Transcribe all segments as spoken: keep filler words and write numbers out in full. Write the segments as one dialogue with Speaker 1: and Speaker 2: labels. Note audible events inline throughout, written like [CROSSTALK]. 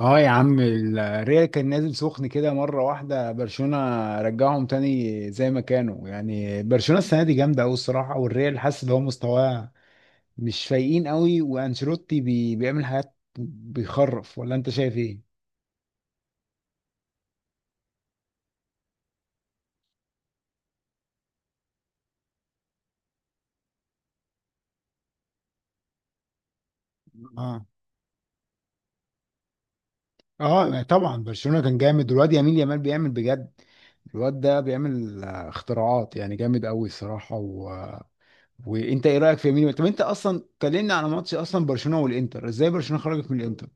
Speaker 1: اه يا عم، الريال كان نازل سخن كده مرة واحدة. برشلونة رجعهم تاني زي ما كانوا. يعني برشلونة السنة دي جامدة أوي الصراحة، والريال حاسس إن هو مستواه مش فايقين أوي، وأنشيلوتي بي بيعمل حاجات بيخرف. ولا أنت شايف إيه؟ اه. اه طبعا برشلونة كان جامد، والواد يمين يامال بيعمل بجد. الواد ده بيعمل آه، اختراعات يعني جامد قوي الصراحه. و... وانت ايه رايك في يمين؟ طب انت اصلا كلمني على ماتش اصلا برشلونه والانتر، ازاي برشلونه خرجت من الانتر؟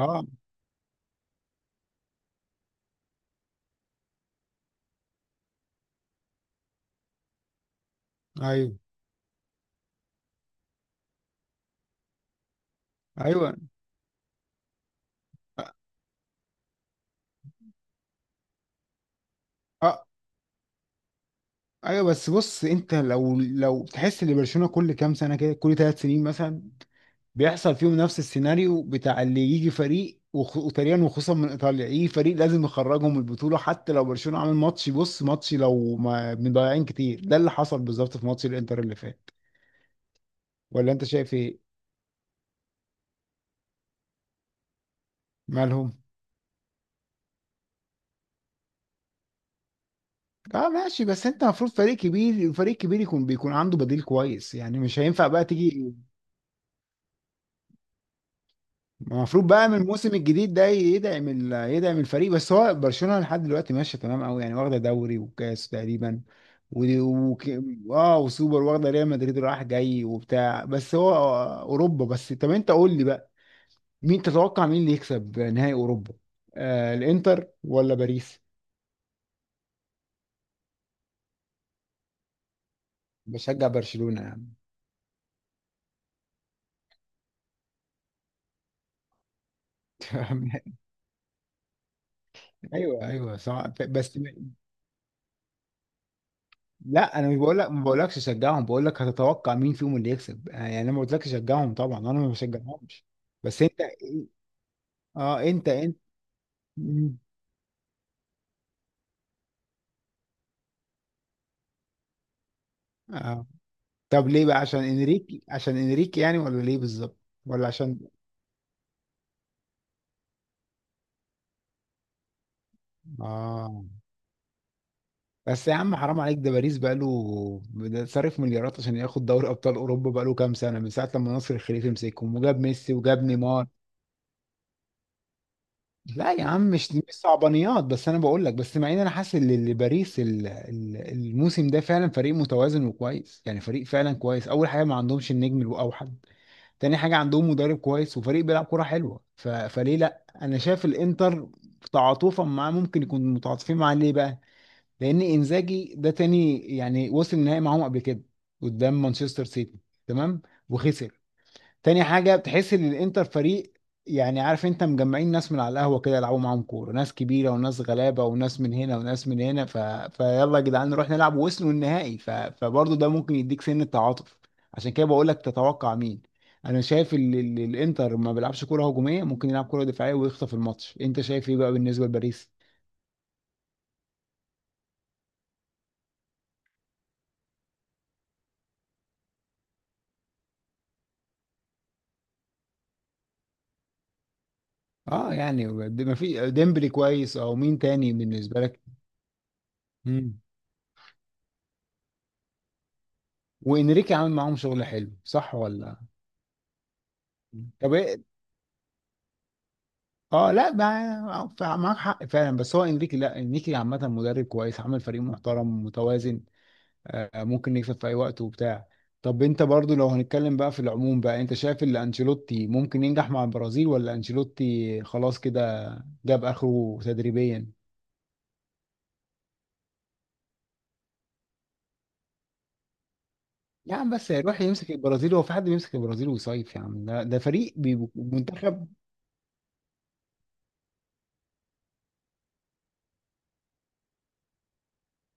Speaker 1: اه. ايوه. ايوه. اه. ايوه، بس بص، انت لو لو تحس ان برشلونه كل كام سنه كده، كل ثلاث سنين مثلا، بيحصل فيهم نفس السيناريو بتاع اللي يجي فريق وخ- وتقريبا وخصوصا من ايطاليا يجي فريق لازم يخرجهم من البطوله، حتى لو برشلونه عامل ماتش بص ماتش لو ما مضيعين كتير. ده اللي حصل بالظبط في ماتش الانتر اللي فات. ولا انت شايف ايه؟ مالهم؟ اه ماشي، بس انت المفروض فريق كبير، فريق كبير يكون بيكون عنده بديل كويس، يعني مش هينفع بقى تيجي. المفروض بقى من الموسم الجديد ده يدعم ال- يدعم الفريق. بس هو برشلونة لحد دلوقتي ماشية تمام قوي، يعني واخدة دوري وكاس تقريبا. و... و... اه وسوبر، واخدة ريال مدريد رايح جاي وبتاع. بس هو اوروبا بس. طب انت قول لي بقى، مين تتوقع مين اللي يكسب نهائي اوروبا؟ آه الانتر ولا باريس؟ بشجع برشلونة يعني. [LAUGHS] ايوه ايوه صح، بس لا انا مش بقول لك، ما بقولكش شجعهم، بقول لك هتتوقع مين فيهم اللي يكسب، آه، يعني انا ما قلتلكش شجعهم، طبعا انا ما بشجعهمش. بس انت، اه انت انت. مم. آه. طب ليه بقى، عشان انريكي؟ عشان انريكي يعني ولا ليه بالظبط؟ ولا عشان؟ اه بس يا عم حرام عليك، ده باريس بقاله ده صرف مليارات عشان ياخد دوري ابطال اوروبا، بقاله كام سنه من ساعه لما نصر الخليفي مسكهم وجاب ميسي وجاب نيمار. لا يا عم، مش مش صعبانيات، بس انا بقول لك، بس مع ان انا حاسس ان ال- باريس ال- ال- الموسم ده فعلا فريق متوازن وكويس، يعني فريق فعلا كويس. اول حاجه ما عندهمش النجم الاوحد، تاني حاجة عندهم مدرب كويس وفريق بيلعب كرة حلوة. ف... فليه لا، انا شايف الانتر تعاطفا معاه، ممكن يكون متعاطفين معاه. ليه بقى؟ لان انزاجي ده تاني يعني وصل النهائي معاهم قبل كده قدام مانشستر سيتي، تمام، وخسر. تاني حاجة بتحس ان الانتر فريق، يعني عارف انت، مجمعين ناس من على القهوة كده يلعبوا معاهم كورة، ناس كبيرة وناس غلابة وناس من هنا وناس من هنا. ف... فيلا يا جدعان نروح نلعب، ووصلوا النهائي. ف... فبرضه ده ممكن يديك سن التعاطف، عشان كده بقول لك تتوقع مين. انا شايف ال... ال... الانتر ما بيلعبش كورة هجومية، ممكن يلعب كورة دفاعية ويخطف الماتش. انت شايف ايه بقى بالنسبة لباريس؟ اه يعني، د- ما في ديمبلي كويس او مين تاني بالنسبة لك؟ مم. وانريكي عامل معاهم شغل حلو، صح ولا؟ طب إيه- اه لا، مع- مع- معاك حق فعلا. بس هو انريكي، لا انريكي عامة مدرب كويس، عامل فريق محترم متوازن، آه ممكن يكسب في اي وقت وبتاع. طب انت برضو، لو هنتكلم بقى في العموم بقى، انت شايف ان انشيلوتي ممكن ينجح مع البرازيل ولا انشيلوتي خلاص كده جاب اخره تدريبيا؟ يا عم بس هيروح يمسك البرازيل، هو في حد بيمسك البرازيل ويصيف؟ يا عم ده، ده فريق بي- منتخب.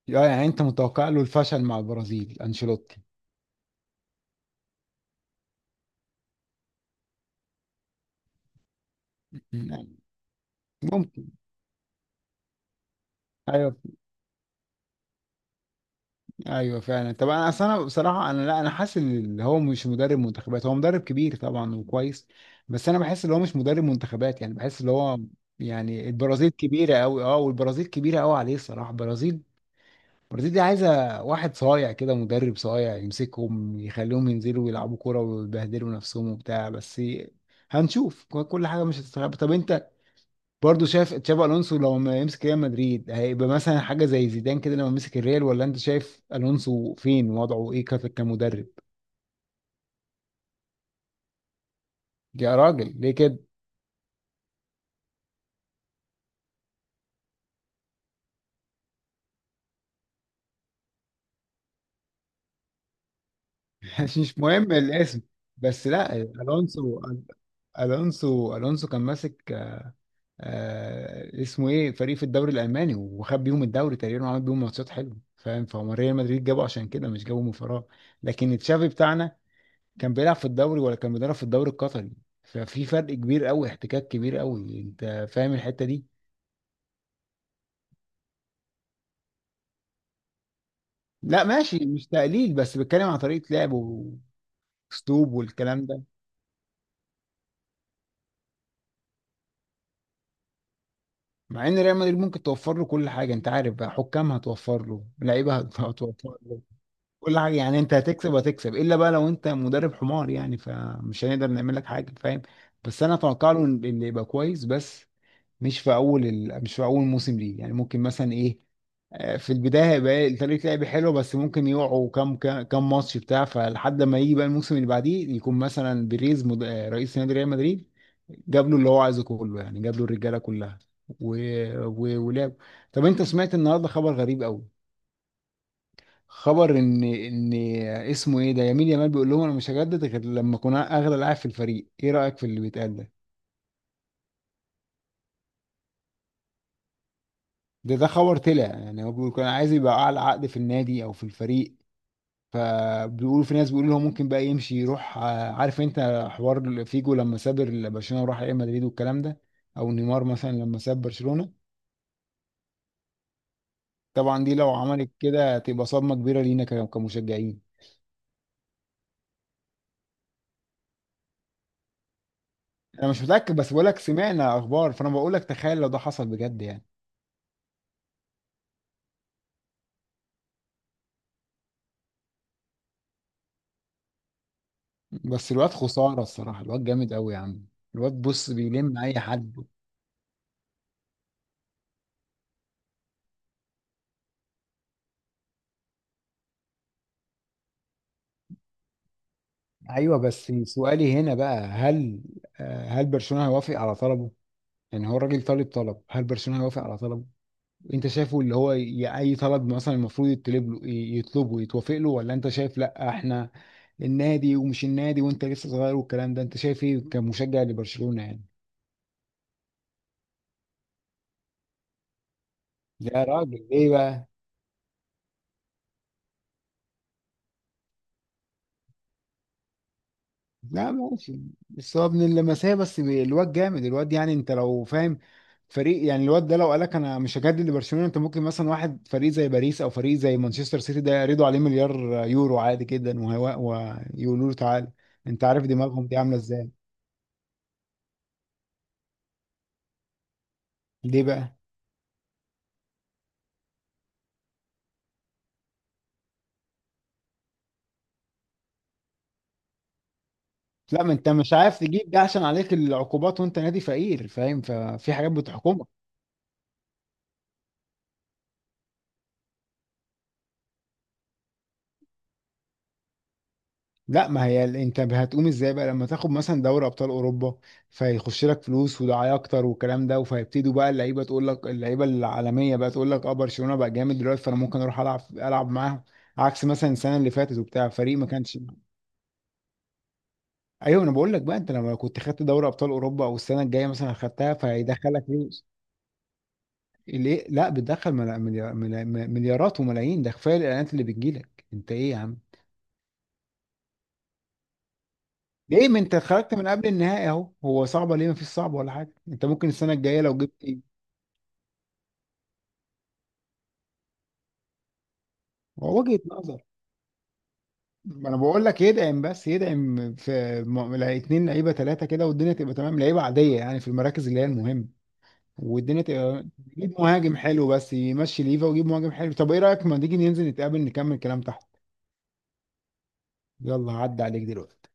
Speaker 1: اه يعني انت متوقع له الفشل مع البرازيل انشيلوتي؟ يعني ممكن. ايوه ايوه فعلا. طب انا اصل انا بصراحه انا، لا انا حاسس ان اللي هو مش مدرب منتخبات، هو مدرب كبير طبعا وكويس، بس انا بحس ان هو مش مدرب منتخبات، يعني بحس ان هو، يعني البرازيل كبيره قوي، اه والبرازيل كبيره قوي عليه الصراحه. البرازيل، البرازيل دي عايزه واحد صايع كده، مدرب صايع يمسكهم يخليهم ينزلوا يلعبوا كوره ويبهدلوا نفسهم وبتاع بس. هنشوف، كل حاجه مش هتستغرب. طب انت برضه شايف تشابي الونسو لو ما يمسك ريال مدريد هيبقى مثلا حاجه زي زيدان كده لما مسك الريال، ولا انت شايف الونسو فين وضعه، ايه كف- كمدرب؟ يا راجل ليه كده؟ [LAUGHS] مش مهم الاسم. بس لا الونسو، الونسو الونسو كان ماسك آه اسمه ايه فريق في الدوري الالماني، وخد بيهم الدوري تقريبا وعمل بيهم ماتشات حلوه، فاهم؟ فهو ريال مدريد جابه عشان كده، مش جابه من فراغ. لكن تشافي بتاعنا كان بيلعب في الدوري، ولا كان بيدرب في الدوري القطري؟ ففي فرق كبير قوي، احتكاك كبير قوي، انت فاهم الحتة دي. لا ماشي مش تقليل، بس بتكلم عن طريقة لعب واسلوب والكلام ده. مع ان ريال مدريد ممكن توفر له كل حاجة، انت عارف بقى، حكام هتوفر له، لعيبة [LAUGHS] هت- هتوفر له كل حاجة، يعني انت هتكسب هتكسب، الا بقى لو انت مدرب حمار يعني، فمش هنقدر نعمل لك حاجة، فاهم؟ بس انا اتوقع له ان إن يبقى كويس، بس مش في اول ال... مش في اول موسم ليه، يعني ممكن مثلا ايه، آه، في البدايه هيبقى طريقه لعب حلوه بس ممكن يقعوا كام كام كام ماتش بتاع، فلحد ما يجي بقى الموسم اللي بعديه، يكون مثلا بيريز مد... آه، رئيس نادي ريال مدريد جاب له اللي هو عايزه كله، يعني جاب له الرجاله كلها، و... و... ولعب. طب انت سمعت النهارده خبر غريب قوي، خبر ان ان اسمه ايه ده يمين يامال بيقول لهم انا مش هجدد غير لما اكون اغلى لاعب في الفريق، ايه رايك في اللي بيتقال ده؟ ده ده خبر طلع يعني، هو بيقول كان عايز يبقى اعلى عقد في النادي او في الفريق، فبيقولوا في ناس بيقولوا هو ممكن بقى يمشي يروح، آه، عارف انت حوار فيجو لما ساب ال- برشلونة وراح ريال مدريد والكلام ده، او نيمار مثلا لما ساب برشلونة. طبعا دي لو عملت كده تبقى صدمة كبيرة لينا ك- كمشجعين. انا مش متأكد، بس بقول لك سمعنا اخبار، فانا بقول لك تخيل لو ده حصل بجد يعني. بس الواد خسارة الصراحة، الواد جامد قوي يا عم، الواد بص بيلم اي حد. ايوه بس سؤالي هنا بقى، هل آه، هل برشلونه هيوافق على طلبه؟ يعني هو الراجل طالب طلب، هل برشلونه هيوافق على طلبه؟ انت شايفه اللي هو ي- اي طلب مثلا المفروض يطلب له يطلبه يتوافق له، ولا انت شايف لا احنا النادي ومش النادي وانت لسه صغير والكلام ده؟ انت شايف ايه كمشجع لبرشلونه يعني؟ يا راجل ليه بقى؟ لا ماشي، بس هو ابن اللمسيه بس بي- الواد جامد، الواد يعني انت لو فاهم فريق، يعني الواد ده لو قالك انا مش هجدد لبرشلونه، انت ممكن مثلا واحد فريق زي باريس او فريق زي مانشستر سيتي ده يرضوا عليه مليار يورو عادي جدا، وهو ويقولوا له تعالى، انت عارف دماغهم دي عامله ازاي. ليه بقى؟ لا ما انت مش عارف تجيب ده عشان عليك العقوبات وانت نادي فقير، فاهم؟ ففي حاجات بتحكمك. لا ما هي ال- انت هتقوم ازاي بقى لما تاخد مثلا دوري ابطال اوروبا، فيخش لك فلوس ودعايه اكتر والكلام ده، وفيبتدوا بقى اللعيبه تقول لك، اللعيبه العالميه بقى تقول لك اه برشلونه بقى جامد دلوقتي، فانا ممكن اروح العب العب معاهم، عكس مثلا السنه اللي فاتت وبتاع فريق ما كانش. ايوه انا بقول لك بقى، انت لما كنت خدت دوري ابطال اوروبا او السنه الجايه مثلا خدتها، فهيدخلك فلوس. ليه لا، بتدخل ملا- مليار- ملا- مليارات وملايين، ده كفايه الاعلانات اللي بتجيلك. انت ايه يا عم، ليه، ما انت خرجت من قبل النهائي اهو، هو صعبه ليه؟ ما فيش صعب ولا حاجه، انت ممكن السنه الجايه لو جبت ايه. هو وجهه نظر، ما انا بقول لك يدعم، بس يدعم في م- لا- اتنين لعيبه ثلاثه كده والدنيا تبقى تمام، لعيبه عاديه يعني في المراكز اللي هي المهمه، والدنيا تبقى. يجيب مهاجم حلو، بس يمشي ليفا ويجيب مهاجم حلو. طب ايه رايك ما تيجي ننزل نتقابل نكمل كلام تحت؟ يلا عدى عليك دلوقتي.